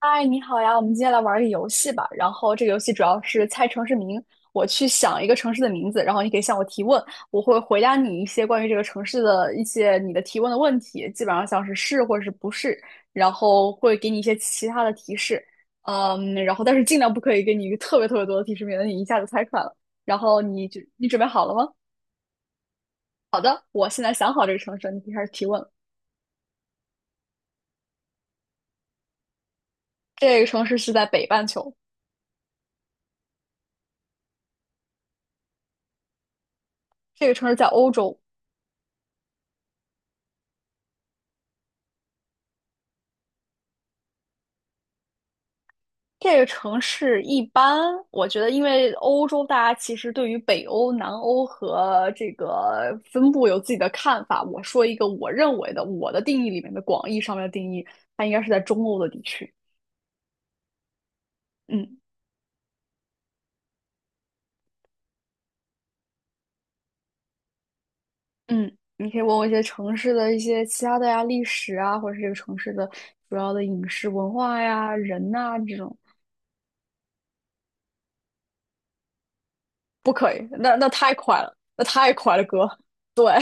嗨，你好呀，我们今天来玩儿个游戏吧。然后这个游戏主要是猜城市名，我去想一个城市的名字，然后你可以向我提问，我会回答你一些关于这个城市的一些你的提问的问题，基本上像是是或者是不是，然后会给你一些其他的提示。然后但是尽量不可以给你一个特别特别多的提示，免得你一下子猜出来了。然后你准备好了吗？我现在想好这个城市，你可以开始提问了。这个城市是在北半球，这个城市在欧洲。这个城市一般，我觉得，因为欧洲大家其实对于北欧、南欧和这个分布有自己的看法。我说一个我认为的，我的定义里面的广义上面的定义，它应该是在中欧的地区。嗯嗯，你可以问我一些城市的一些其他的呀，历史啊，或者是这个城市的主要的饮食文化呀、人呐、这种。不可以，那太快了，那太快了，哥。对，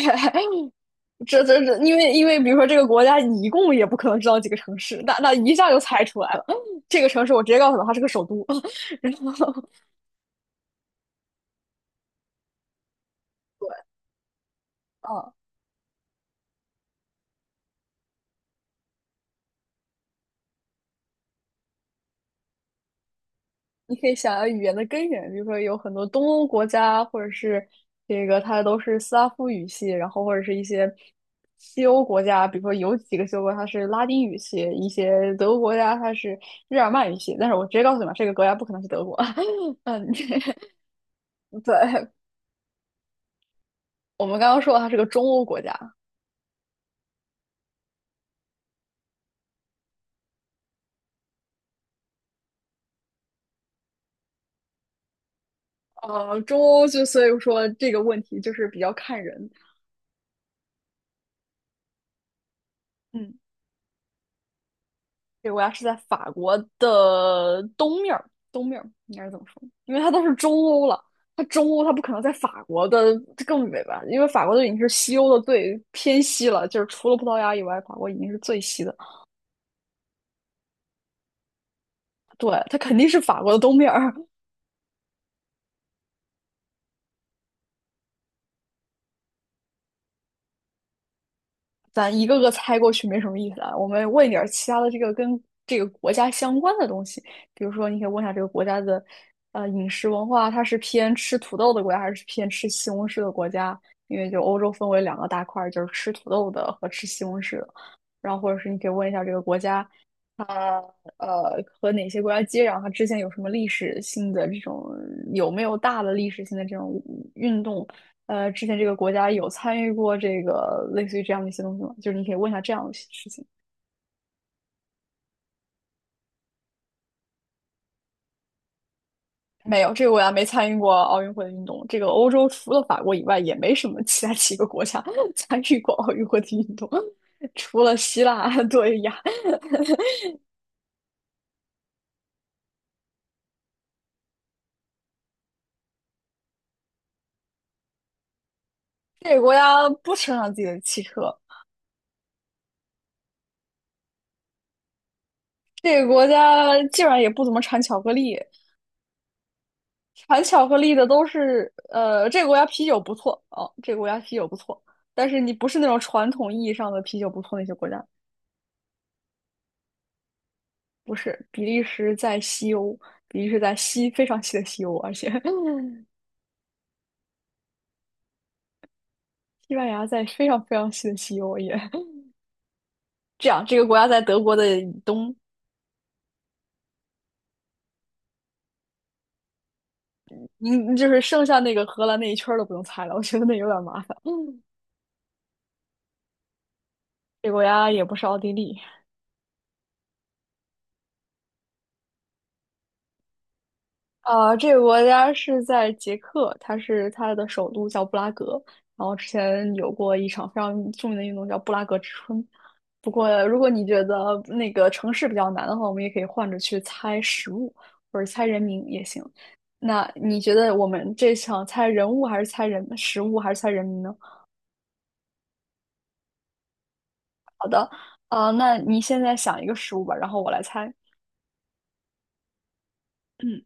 这这这，因为比如说这个国家，你一共也不可能知道几个城市，那一下就猜出来了。这个城市我直接告诉他它是个首都，然后啊，你可以想要语言的根源，比如说有很多东欧国家，或者是这个它都是斯拉夫语系，然后或者是一些西欧国家，比如说有几个西欧国家它是拉丁语系，一些德国国家它是日耳曼语系。但是我直接告诉你吧，这个国家不可能是德国。嗯，对，我们刚刚说它是个中欧国家。中欧就所以说这个问题就是比较看人，嗯。对，国家是在法国的东面儿，东面儿应该是怎么说？因为它都是中欧了，它中欧它不可能在法国的更北吧？因为法国都已经是西欧的最偏西了，就是除了葡萄牙以外，法国已经是最西的。对，它肯定是法国的东面儿，咱一个个猜过去没什么意思啊。我们问一点儿其他的这个跟这个国家相关的东西，比如说你可以问一下这个国家的饮食文化，它是偏吃土豆的国家还是偏吃西红柿的国家？因为就欧洲分为两个大块儿，就是吃土豆的和吃西红柿的。然后或者是你可以问一下这个国家。它和哪些国家接壤？它之前有什么历史性的这种有没有大的历史性的这种运动？之前这个国家有参与过这个类似于这样的一些东西吗？就是你可以问一下这样的事情。没有，这个国家没参与过奥运会的运动。这个欧洲除了法国以外，也没什么其他几个国家 参与过奥运会的运动，除了希腊。对呀，这个国家不生产自己的汽车，这个国家基本上也不怎么产巧克力。产巧克力的都是，这个国家啤酒不错哦，这个国家啤酒不错，但是你不是那种传统意义上的啤酒不错那些国家，不是。比利时在西欧，比利时在西非常西的西欧，而且 西班牙在非常非常西的西欧也这样。这个国家在德国的以东，您就是剩下那个荷兰那一圈儿都不用猜了，我觉得那有点麻烦。这个国家也不是奥地利，啊，这个国家是在捷克，它是它的首都叫布拉格。然后之前有过一场非常著名的运动叫布拉格之春。不过，如果你觉得那个城市比较难的话，我们也可以换着去猜食物或者猜人名也行。那你觉得我们这场猜人物还是猜人食物还是猜人名呢？好的，那你现在想一个食物吧，然后我来猜。嗯，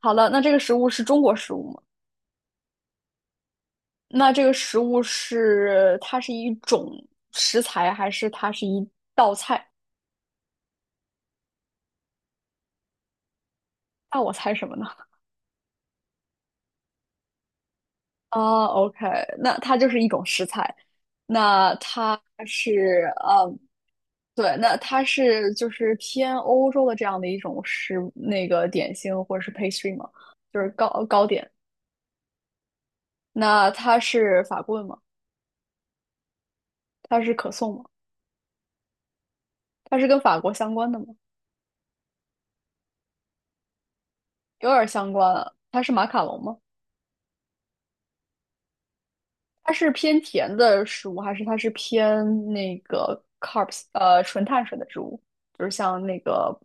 好的，那这个食物是中国食物吗？那这个食物是它是一种食材，还是它是一道菜？那我猜什么呢？啊，OK,那它就是一种食材。那它是对，那它是就是偏欧洲的这样的一种食那个点心或者是 pastry 吗？就是糕糕点。那它是法棍吗？它是可颂吗？它是跟法国相关的吗？有点儿相关啊。它是马卡龙吗？它是偏甜的食物，还是它是偏那个 carbs 纯碳水的植物？就是像那个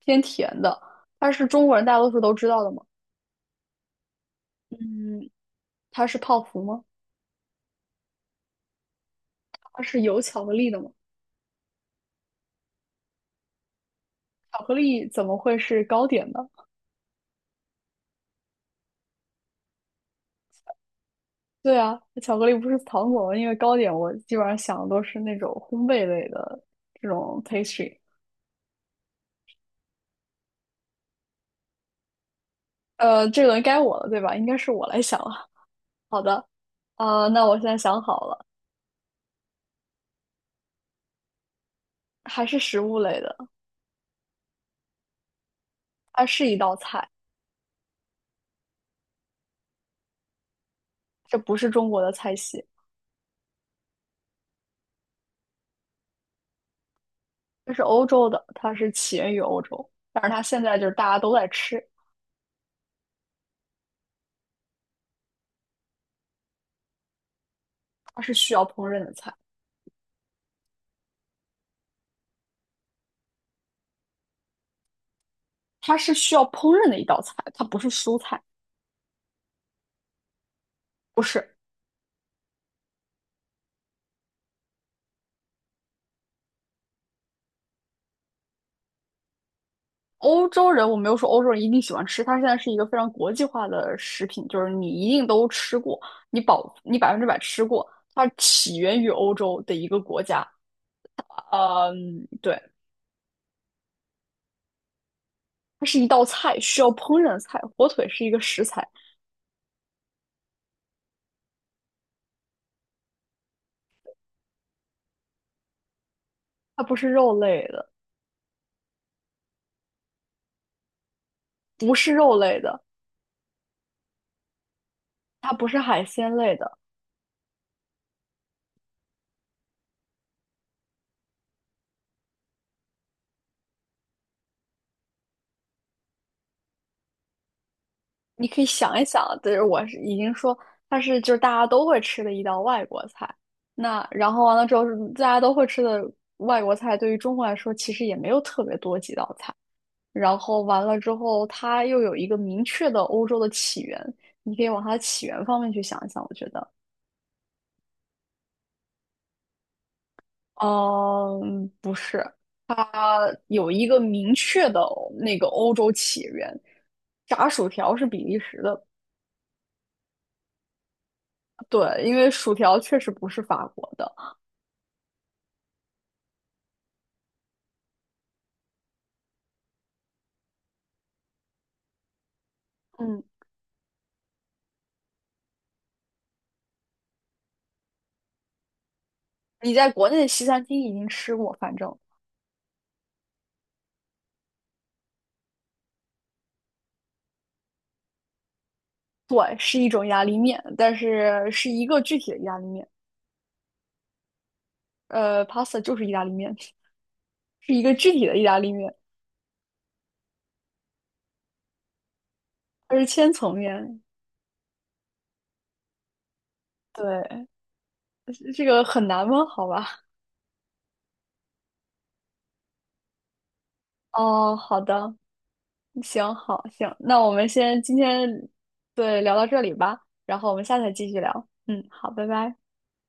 偏甜的，它是中国人大多数都知道的吗？嗯，它是泡芙吗？它是有巧克力的吗？巧克力怎么会是糕点呢？对啊，巧克力不是糖果吗？因为糕点我基本上想的都是那种烘焙类的这种 pastry。这轮该我了，对吧？应该是我来想了。好的，那我现在想好了，还是食物类的。它是一道菜，这不是中国的菜系，这是欧洲的，它是起源于欧洲，但是它现在就是大家都在吃，它是需要烹饪的菜，它是需要烹饪的一道菜，它不是蔬菜，不是。欧洲人，我没有说欧洲人一定喜欢吃，它现在是一个非常国际化的食品，就是你一定都吃过，你保你100%吃过，它起源于欧洲的一个国家，嗯，对，它是一道菜，需要烹饪的菜，火腿是一个食材，它不是肉类的。不是肉类的，它不是海鲜类的，你可以想一想，就是我是已经说它是就是大家都会吃的一道外国菜。那然后完了之后大家都会吃的外国菜，对于中国来说其实也没有特别多几道菜。然后完了之后，它又有一个明确的欧洲的起源，你可以往它的起源方面去想一想。我觉得，嗯，不是，它有一个明确的那个欧洲起源。炸薯条是比利时的，对，因为薯条确实不是法国的。嗯，你在国内的西餐厅已经吃过，反正对，是一种意大利面，但是是一个具体的意大利面。pasta 就是意大利面，是一个具体的意大利面，它是千层面。对，这个很难吗？好吧。哦，好的，行，好，行，那我们先今天对聊到这里吧，然后我们下次再继续聊。嗯，好，拜拜。